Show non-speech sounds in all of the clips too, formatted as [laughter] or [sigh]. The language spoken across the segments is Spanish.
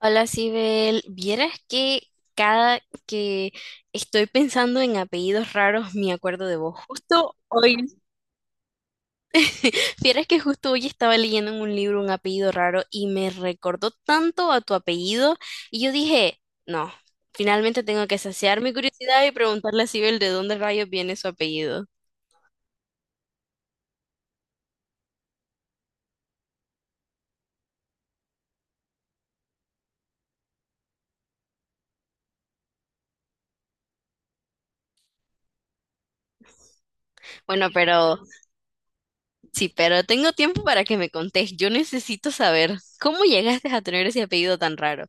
Hola, Sibel. Vieras que cada que estoy pensando en apellidos raros me acuerdo de vos. Justo hoy, [laughs] vieras que justo hoy estaba leyendo en un libro un apellido raro y me recordó tanto a tu apellido y yo dije, no, finalmente tengo que saciar mi curiosidad y preguntarle a Sibel de dónde rayos viene su apellido. Bueno, pero sí, pero tengo tiempo para que me contés. Yo necesito saber cómo llegaste a tener ese apellido tan raro.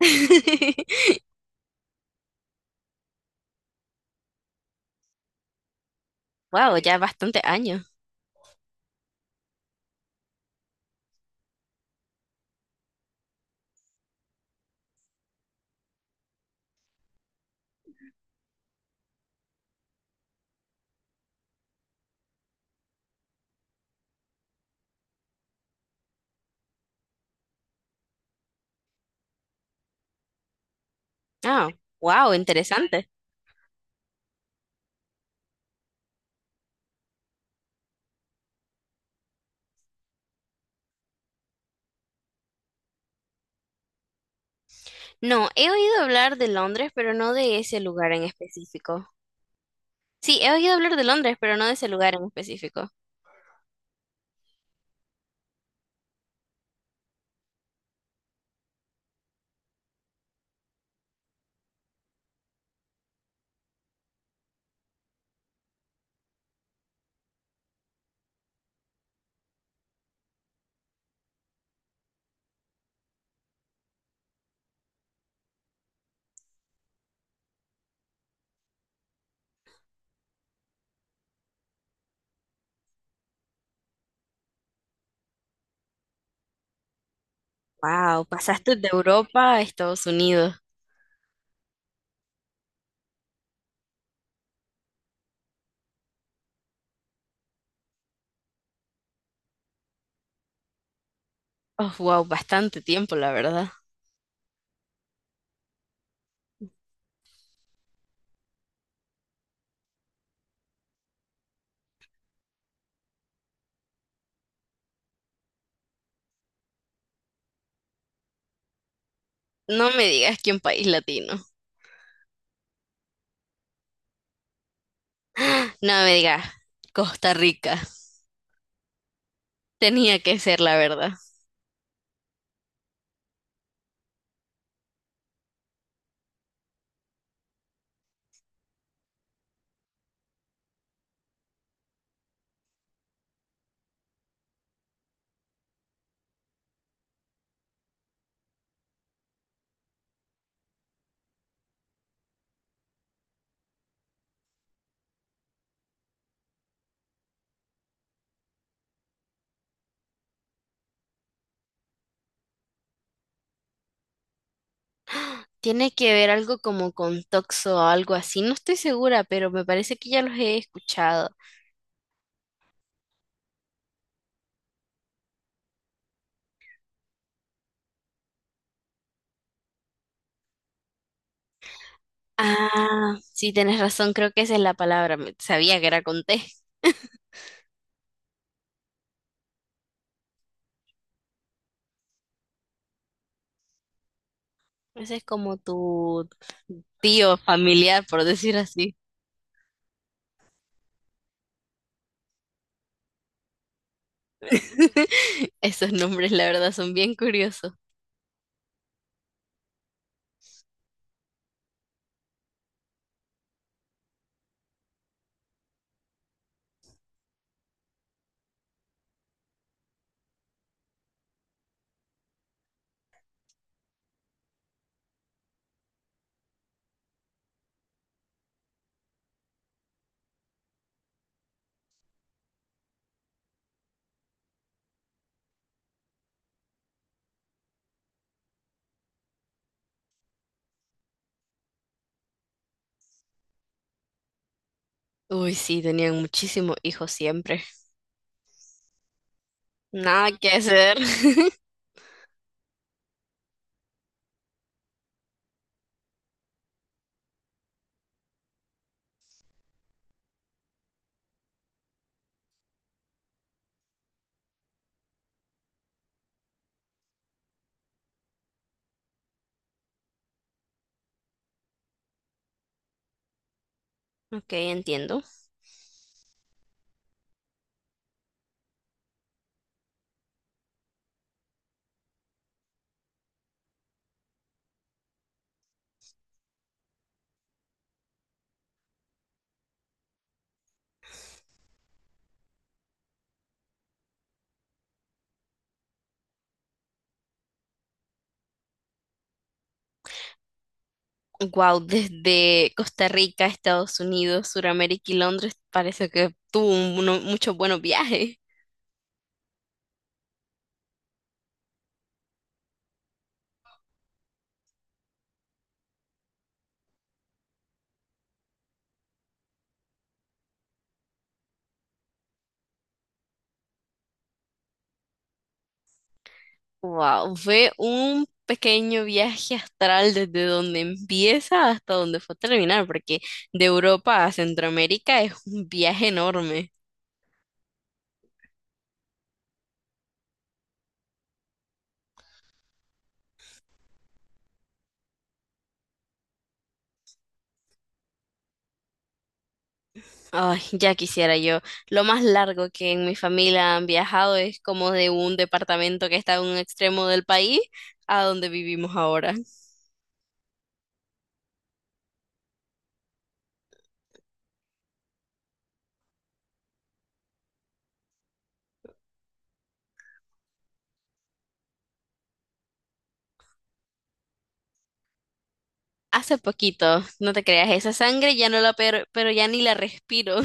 [laughs] Wow, ya bastante años. Ah, wow, interesante. No, he oído hablar de Londres, pero no de ese lugar en específico. Sí, he oído hablar de Londres, pero no de ese lugar en específico. Wow, pasaste de Europa a Estados Unidos. Oh, wow, bastante tiempo, la verdad. No me digas que un país latino. [gasps] No me digas, Costa Rica. Tenía que ser la verdad. Tiene que ver algo como con Toxo o algo así. No estoy segura, pero me parece que ya los he escuchado. Ah, sí, tienes razón, creo que esa es la palabra. Sabía que era con T. [laughs] Ese es como tu tío familiar, por decir así. [laughs] Esos nombres, la verdad, son bien curiosos. Uy, sí, tenían muchísimos hijos siempre. Nada que hacer. [laughs] Ok, entiendo. Wow, desde Costa Rica, Estados Unidos, Suramérica y Londres, parece que tuvo muchos buenos viajes. Wow, fue un pequeño viaje astral desde donde empieza hasta donde fue a terminar, porque de Europa a Centroamérica es un viaje enorme. Ay, ya quisiera yo. Lo más largo que en mi familia han viajado es como de un departamento que está en un extremo del país a donde vivimos ahora. Hace poquito, no te creas, esa sangre ya no pero ya ni la respiro.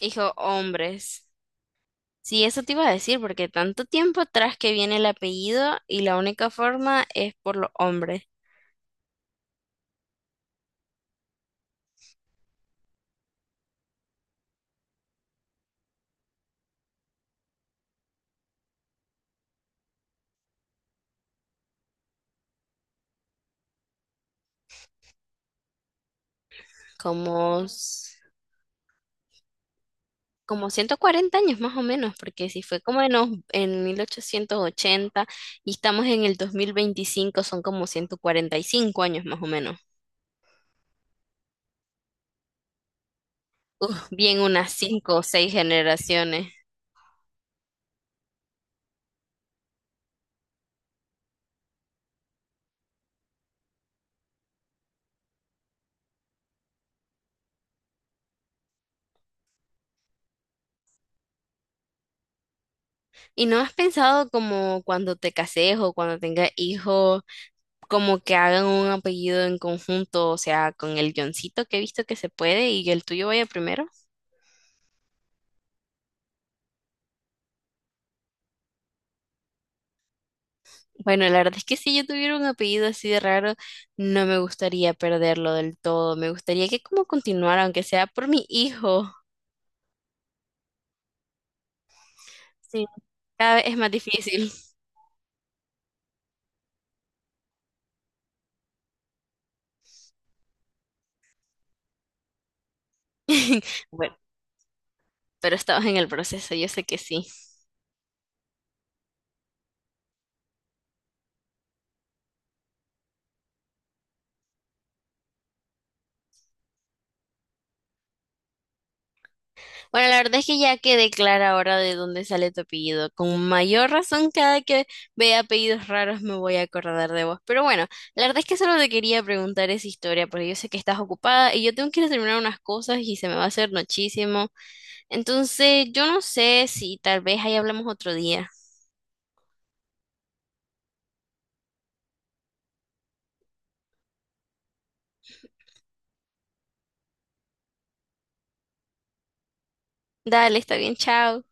[laughs] Hijo, hombres. Sí, eso te iba a decir, porque tanto tiempo atrás que viene el apellido y la única forma es por los hombres, como, s- como 140 años más o menos, porque si fue como en 1880 y estamos en el 2025, son como 145 años más o menos. Uf, bien unas cinco o seis generaciones. ¿Y no has pensado como cuando te cases o cuando tengas hijos, como que hagan un apellido en conjunto? O sea, con el guioncito que he visto que se puede y el tuyo vaya primero. Bueno, la verdad es que si yo tuviera un apellido así de raro, no me gustaría perderlo del todo. Me gustaría que como continuara, aunque sea por mi hijo. Sí, cada vez es más difícil. [laughs] Bueno, pero estamos en el proceso, yo sé que sí. Bueno, la verdad es que ya quedé clara ahora de dónde sale tu apellido. Con mayor razón, cada que vea apellidos raros me voy a acordar de vos. Pero bueno, la verdad es que solo te quería preguntar esa historia, porque yo sé que estás ocupada y yo tengo que ir a terminar unas cosas y se me va a hacer muchísimo. Entonces, yo no sé si tal vez ahí hablamos otro día. Dale, está bien, chao.